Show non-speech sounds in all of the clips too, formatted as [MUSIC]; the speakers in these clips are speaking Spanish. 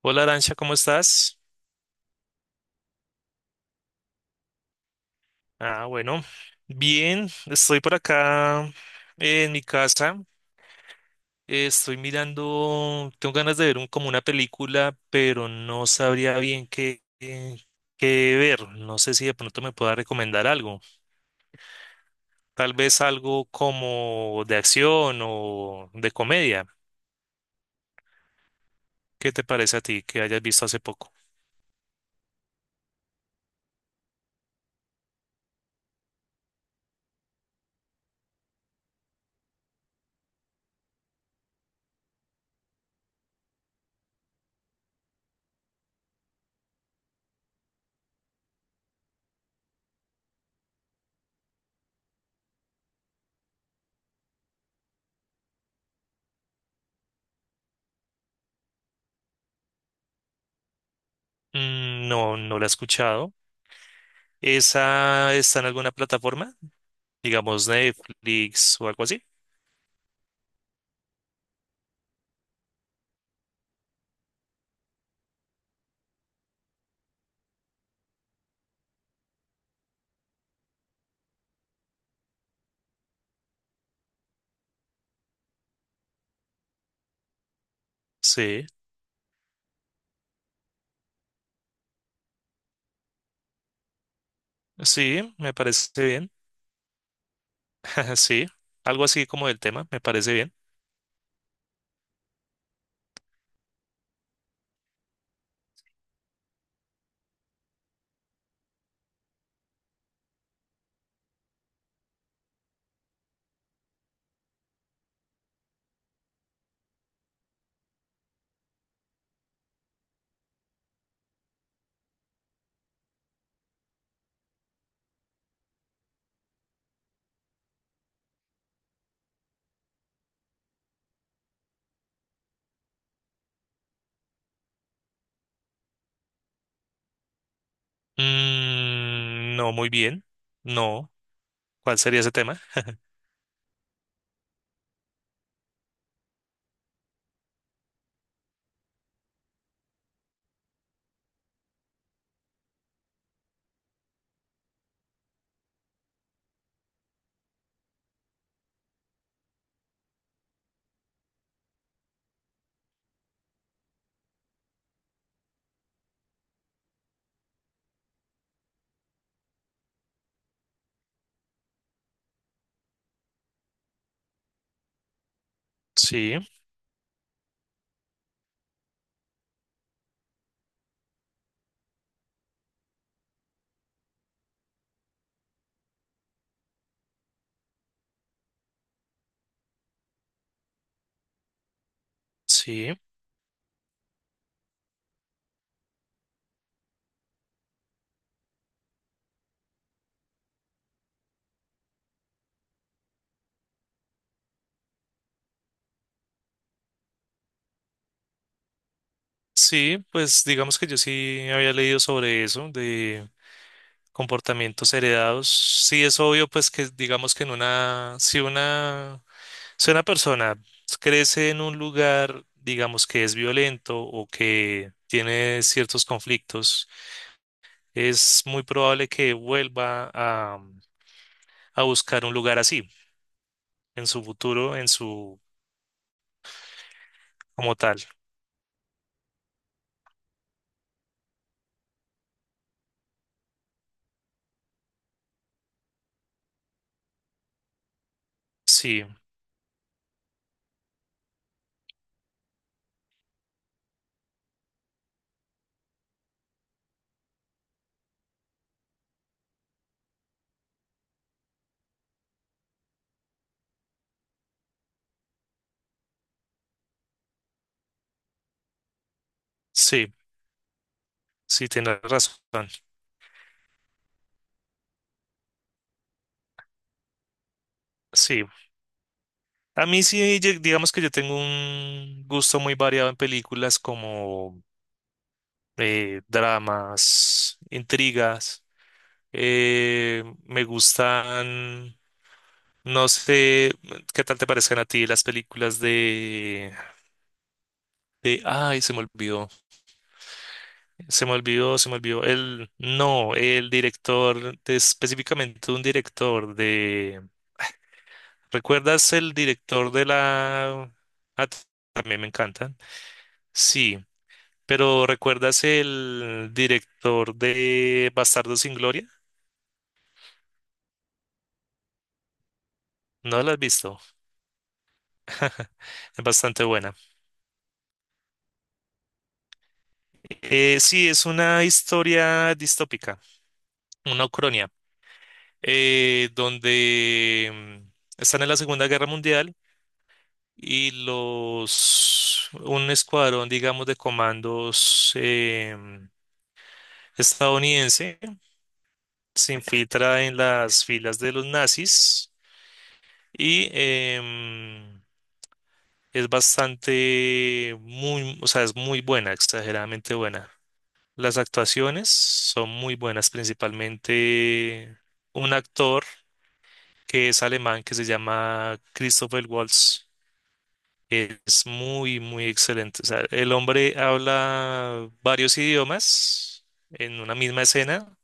Hola Arancha, ¿cómo estás? Ah, bueno, bien, estoy por acá en mi casa. Estoy mirando, tengo ganas de ver como una película, pero no sabría bien qué ver. No sé si de pronto me pueda recomendar algo. Tal vez algo como de acción o de comedia. ¿Qué te parece a ti que hayas visto hace poco? Mm, no, no la he escuchado. ¿Esa está en alguna plataforma? Digamos Netflix o algo así. Sí. Sí, me parece bien. [LAUGHS] Sí, algo así como del tema, me parece bien. Mm, no, muy bien. No, ¿cuál sería ese tema? Sí, sí, sí, pues digamos que yo sí había leído sobre eso, de comportamientos heredados. Sí, es obvio, pues que digamos que en una, si una, si una persona crece en un lugar, digamos que es violento o que tiene ciertos conflictos, es muy probable que vuelva a buscar un lugar así, en su futuro, en su, como tal. Sí, sí, sí, tienes razón. Sí. A mí sí, yo- digamos que yo tengo un gusto muy variado en películas como dramas, intrigas. Me gustan, no sé, ¿qué tal te parecen a ti las películas ay, se me olvidó. Se me olvidó, se me olvidó. El, no, el director, de- específicamente un director de... ¿Recuerdas el director de la... Ah, t- también me encantan. Sí, pero ¿recuerdas el director de Bastardo sin Gloria? No la has visto. Es bastante buena. Sí, es una historia distópica, una ucronia, donde están en la Segunda Guerra Mundial y los un escuadrón, digamos, de comandos estadounidense se infiltra en las filas de los nazis y es bastante muy, o sea, es muy buena, exageradamente buena. Las actuaciones son muy buenas, principalmente un actor que es alemán que se llama Christopher Waltz. Es muy, muy excelente. O sea, el hombre habla varios idiomas en una misma escena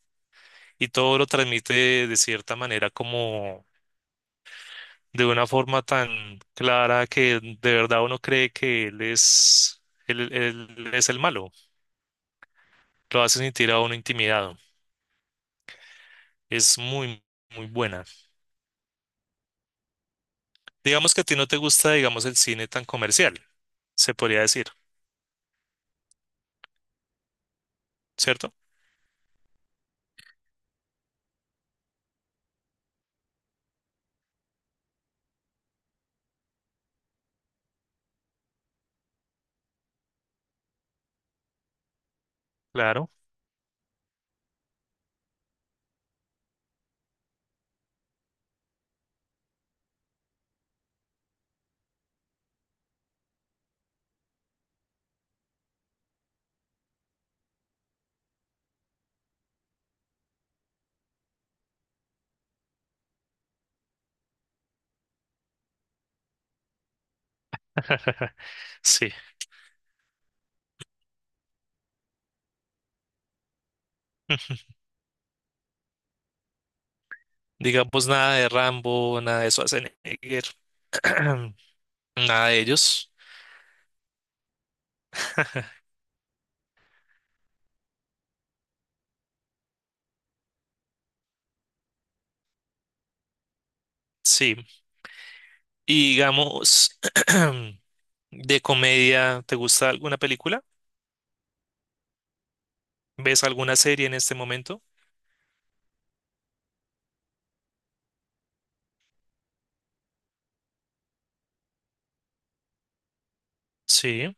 y todo lo transmite de cierta manera como de una forma tan clara que de verdad uno cree que él, él es el malo. Lo hace sentir a uno intimidado. Es muy, muy buena. Digamos que a ti no te gusta, digamos, el cine tan comercial, se podría decir, ¿cierto? Claro. [LAUGHS] Sí. Digamos, nada de Rambo, nada de Schwarzenegger, [CLEARS THROAT] nada de ellos. Sí. Y digamos, [CLEARS THROAT] de comedia, ¿te gusta alguna película? ¿Ves alguna serie en este momento? Sí.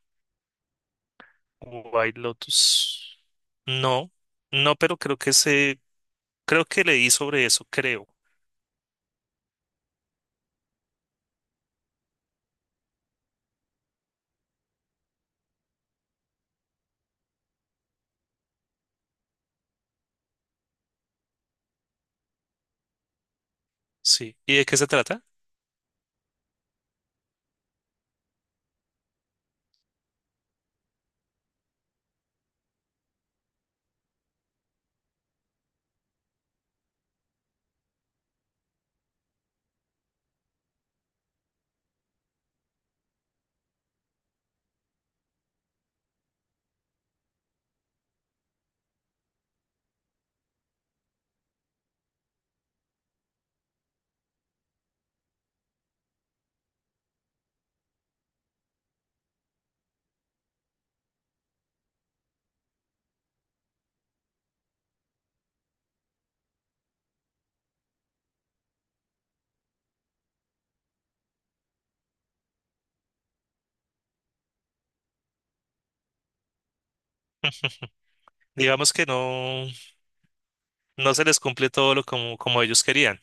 White Lotus. No, no, pero creo que leí sobre eso, creo. Sí. ¿Y de qué se trata? Digamos que no, no se les cumple todo lo como, como ellos querían.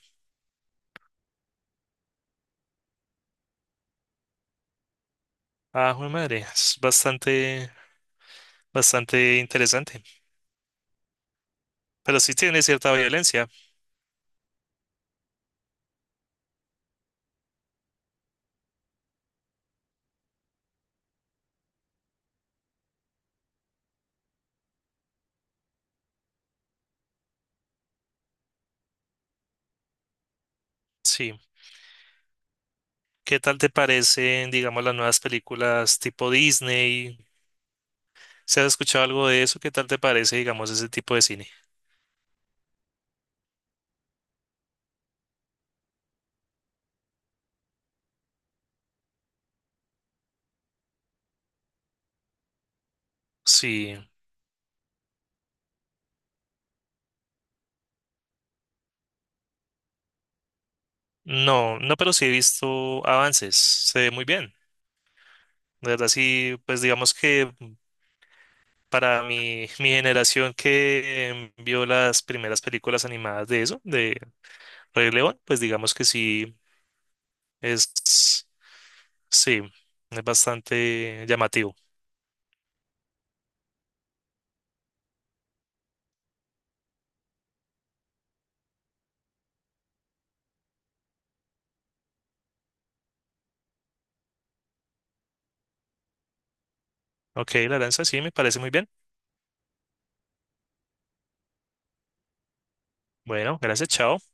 Ah, jue madre, es bastante, bastante interesante. Pero sí tiene cierta violencia, sí. ¿Qué tal te parecen, digamos, las nuevas películas tipo Disney? ¿Se has escuchado algo de eso? ¿Qué tal te parece, digamos, ese tipo de cine? Sí, no, no, pero sí he visto avances, se ve muy bien. De verdad, sí, pues digamos que para mi generación que vio las primeras películas animadas de eso, de Rey León, pues digamos que sí, es, sí, es bastante llamativo. Ok, la danza sí, me parece muy bien. Bueno, gracias, chao.